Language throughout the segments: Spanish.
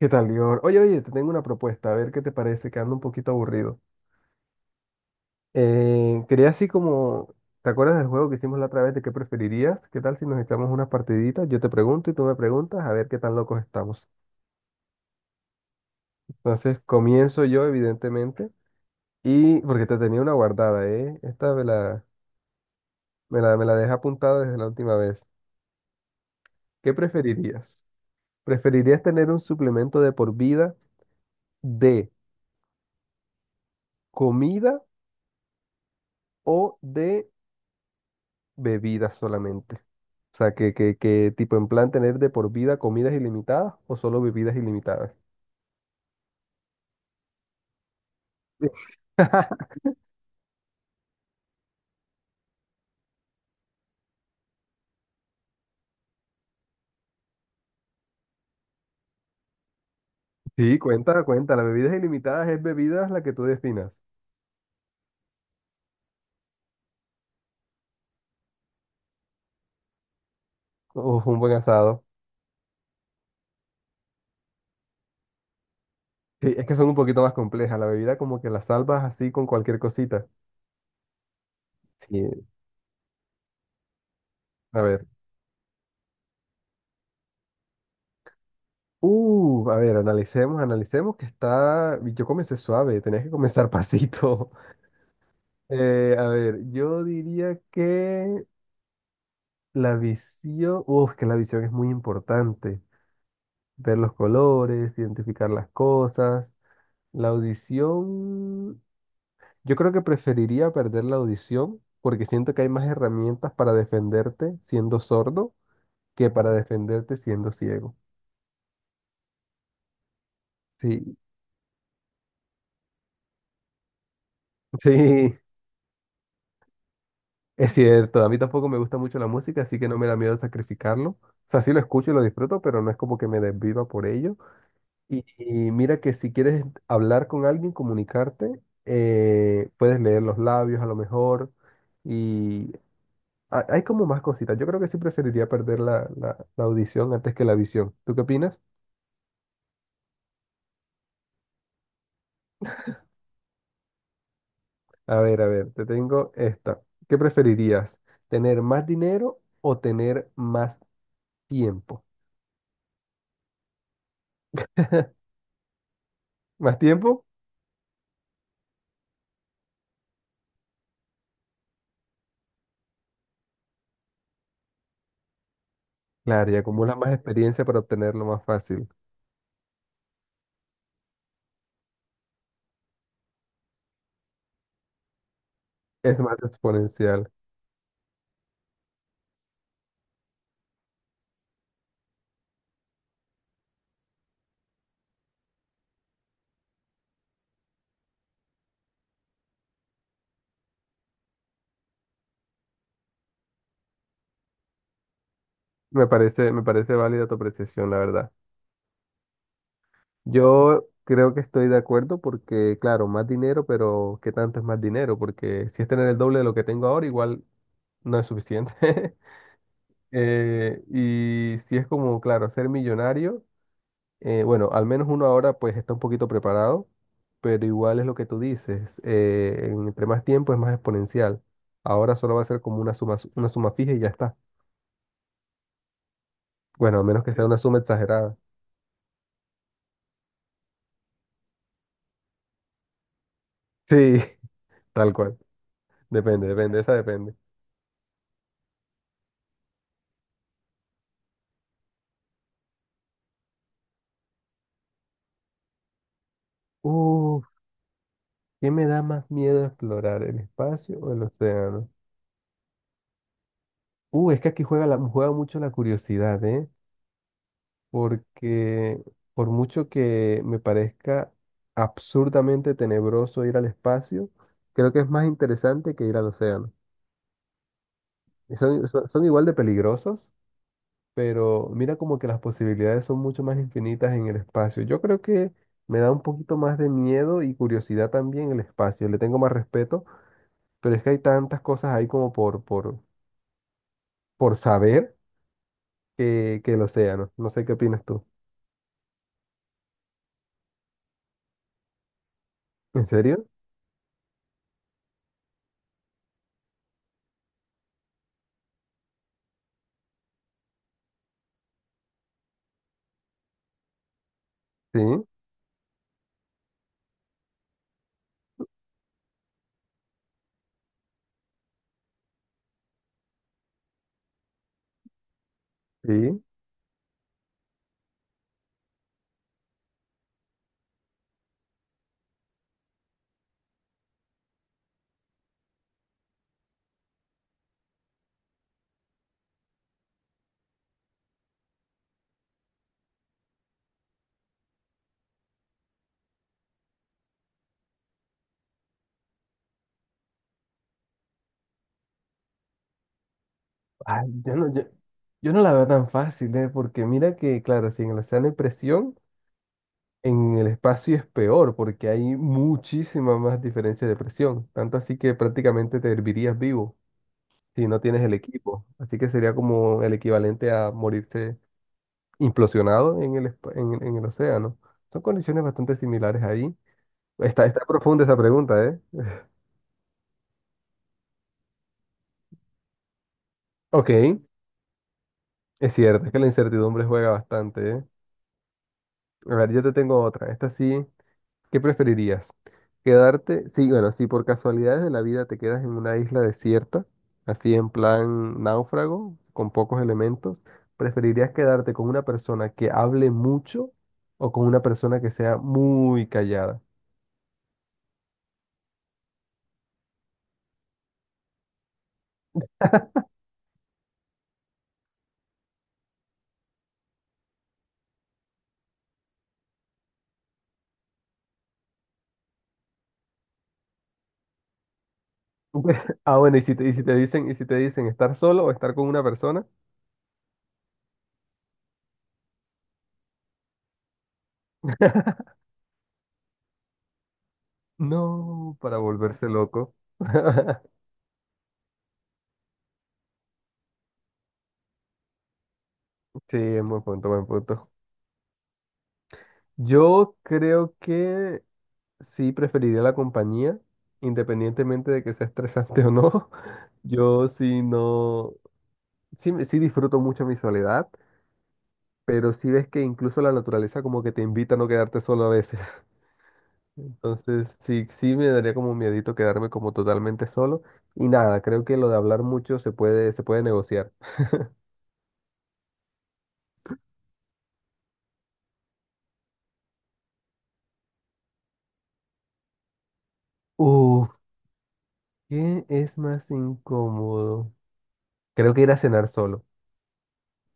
¿Qué tal, Lior? Oye, te tengo una propuesta, a ver qué te parece, que ando un poquito aburrido. Quería así como, ¿te acuerdas del juego que hicimos la otra vez de qué preferirías? ¿Qué tal si nos echamos unas partiditas? Yo te pregunto y tú me preguntas, a ver qué tan locos estamos. Entonces, comienzo yo, evidentemente, y porque te tenía una guardada, ¿eh? Esta me la dejé apuntada desde la última vez. ¿Qué preferirías? ¿Preferirías tener un suplemento de por vida de comida o de bebida solamente? O sea, que tipo en plan tener de por vida comidas ilimitadas o solo bebidas ilimitadas. Sí, cuenta, cuenta. Las bebidas ilimitadas es bebidas la que tú definas. Uf, un buen asado. Sí, es que son un poquito más complejas. La bebida como que la salvas así con cualquier cosita. Sí, a ver. A ver, analicemos, analicemos que está... Yo comencé suave, tenías que comenzar pasito. A ver, yo diría que la visión... Uf, que la visión es muy importante. Ver los colores, identificar las cosas. La audición, yo creo que preferiría perder la audición porque siento que hay más herramientas para defenderte siendo sordo que para defenderte siendo ciego. Sí, sí, es cierto. A mí tampoco me gusta mucho la música, así que no me da miedo sacrificarlo. O sea, sí lo escucho y lo disfruto, pero no es como que me desviva por ello. Y mira que si quieres hablar con alguien, comunicarte, puedes leer los labios a lo mejor y hay como más cositas. Yo creo que sí preferiría perder la audición antes que la visión. ¿Tú qué opinas? A ver, te tengo esta. ¿Qué preferirías? ¿Tener más dinero o tener más tiempo? ¿Más tiempo? Claro, y acumulas más experiencia para obtenerlo más fácil. Es más exponencial. Me parece válida tu apreciación, la verdad. Yo creo que estoy de acuerdo porque, claro, más dinero, pero ¿qué tanto es más dinero? Porque si es tener el doble de lo que tengo ahora, igual no es suficiente. Y si es como, claro, ser millonario, bueno, al menos uno ahora pues está un poquito preparado, pero igual es lo que tú dices, entre más tiempo es más exponencial. Ahora solo va a ser como una suma fija y ya está. Bueno, a menos que sea una suma exagerada. Sí, tal cual. Depende, depende, esa depende. Uh, ¿Qué me da más miedo explorar, el espacio o el océano? Es que aquí juega, la, juega mucho la curiosidad, ¿eh? Porque por mucho que me parezca absurdamente tenebroso ir al espacio, creo que es más interesante que ir al océano. Y son, son igual de peligrosos, pero mira como que las posibilidades son mucho más infinitas en el espacio. Yo creo que me da un poquito más de miedo y curiosidad también el espacio. Le tengo más respeto, pero es que hay tantas cosas ahí como por saber que el océano. No sé qué opinas tú. ¿En serio? Sí, sí. Ay, yo no la veo tan fácil, ¿eh? Porque mira que, claro, si en el océano hay presión, en el espacio es peor, porque hay muchísima más diferencia de presión. Tanto así que prácticamente te hervirías vivo si no tienes el equipo. Así que sería como el equivalente a morirse implosionado en el océano. Son condiciones bastante similares ahí. Está, está profunda esa pregunta, ¿eh? Ok, es cierto, es que la incertidumbre juega bastante, ¿eh? A ver, yo te tengo otra. Esta sí. ¿Qué preferirías? Quedarte, sí, bueno, si por casualidades de la vida te quedas en una isla desierta, así en plan náufrago, con pocos elementos, ¿preferirías quedarte con una persona que hable mucho o con una persona que sea muy callada? Ah, bueno, y si te dicen estar solo o estar con una persona, no, para volverse loco. Sí, buen punto, buen punto. Yo creo que sí preferiría la compañía, independientemente de que sea estresante o no. Yo sí no, sí, sí disfruto mucho mi soledad, pero sí ves que incluso la naturaleza como que te invita a no quedarte solo a veces. Entonces sí, sí me daría como miedito quedarme como totalmente solo. Y nada, creo que lo de hablar mucho se puede negociar. Uf, ¿qué es más incómodo? Creo que ir a cenar solo,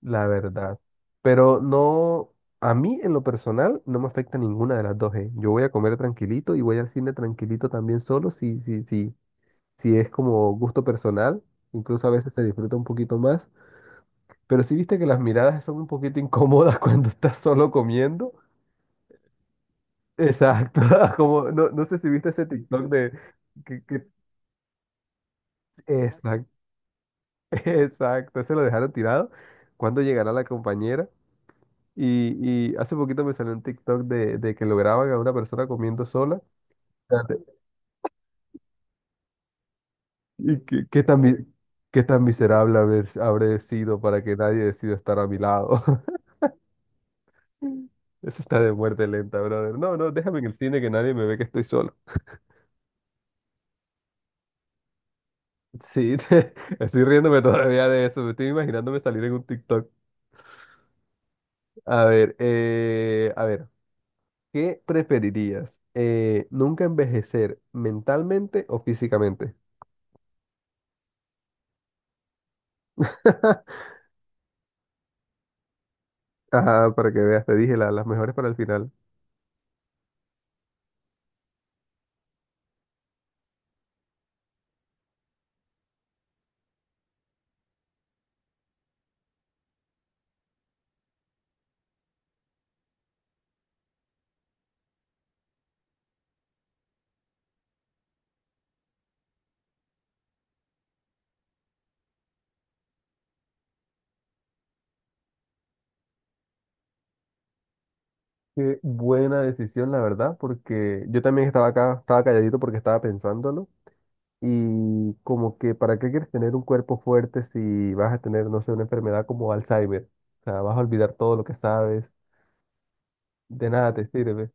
la verdad. Pero no, a mí en lo personal no me afecta ninguna de las dos, ¿eh? Yo voy a comer tranquilito y voy al cine tranquilito también solo, si es como gusto personal, incluso a veces se disfruta un poquito más. Pero si viste que las miradas son un poquito incómodas cuando estás solo comiendo. Exacto, como no, no sé si viste ese TikTok de que, que- exacto, exacto, se lo dejaron tirado. ¿Cuándo llegará la compañera? Y hace poquito me salió un TikTok de que lo graban a una persona comiendo sola. Fíjate. Y que, qué tan miserable habré sido para que nadie decida estar a mi lado. Eso está de muerte lenta, brother. No, no, déjame en el cine que nadie me ve que estoy solo. Sí, estoy riéndome todavía de eso. Me estoy imaginándome salir en un TikTok. A ver, a ver, ¿qué preferirías? ¿Nunca envejecer mentalmente o físicamente? Ajá, para que veas, te dije las mejores para el final. Qué buena decisión, la verdad, porque yo también estaba acá, estaba calladito porque estaba pensándolo. Y como que, ¿para qué quieres tener un cuerpo fuerte si vas a tener, no sé, una enfermedad como Alzheimer? O sea, vas a olvidar todo lo que sabes, de nada te sirve.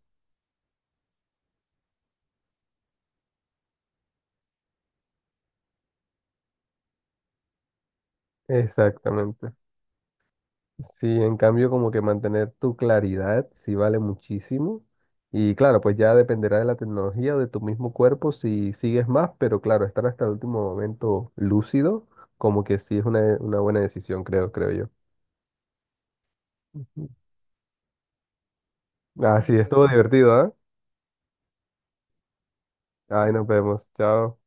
Exactamente. Sí, en cambio, como que mantener tu claridad sí vale muchísimo. Y claro, pues ya dependerá de la tecnología o de tu mismo cuerpo si sigues más, pero claro, estar hasta el último momento lúcido, como que sí es una buena decisión, creo, creo yo. Ujú. Ah, sí, bueno, estuvo divertido, ¿ah? Ahí nos vemos. Chao.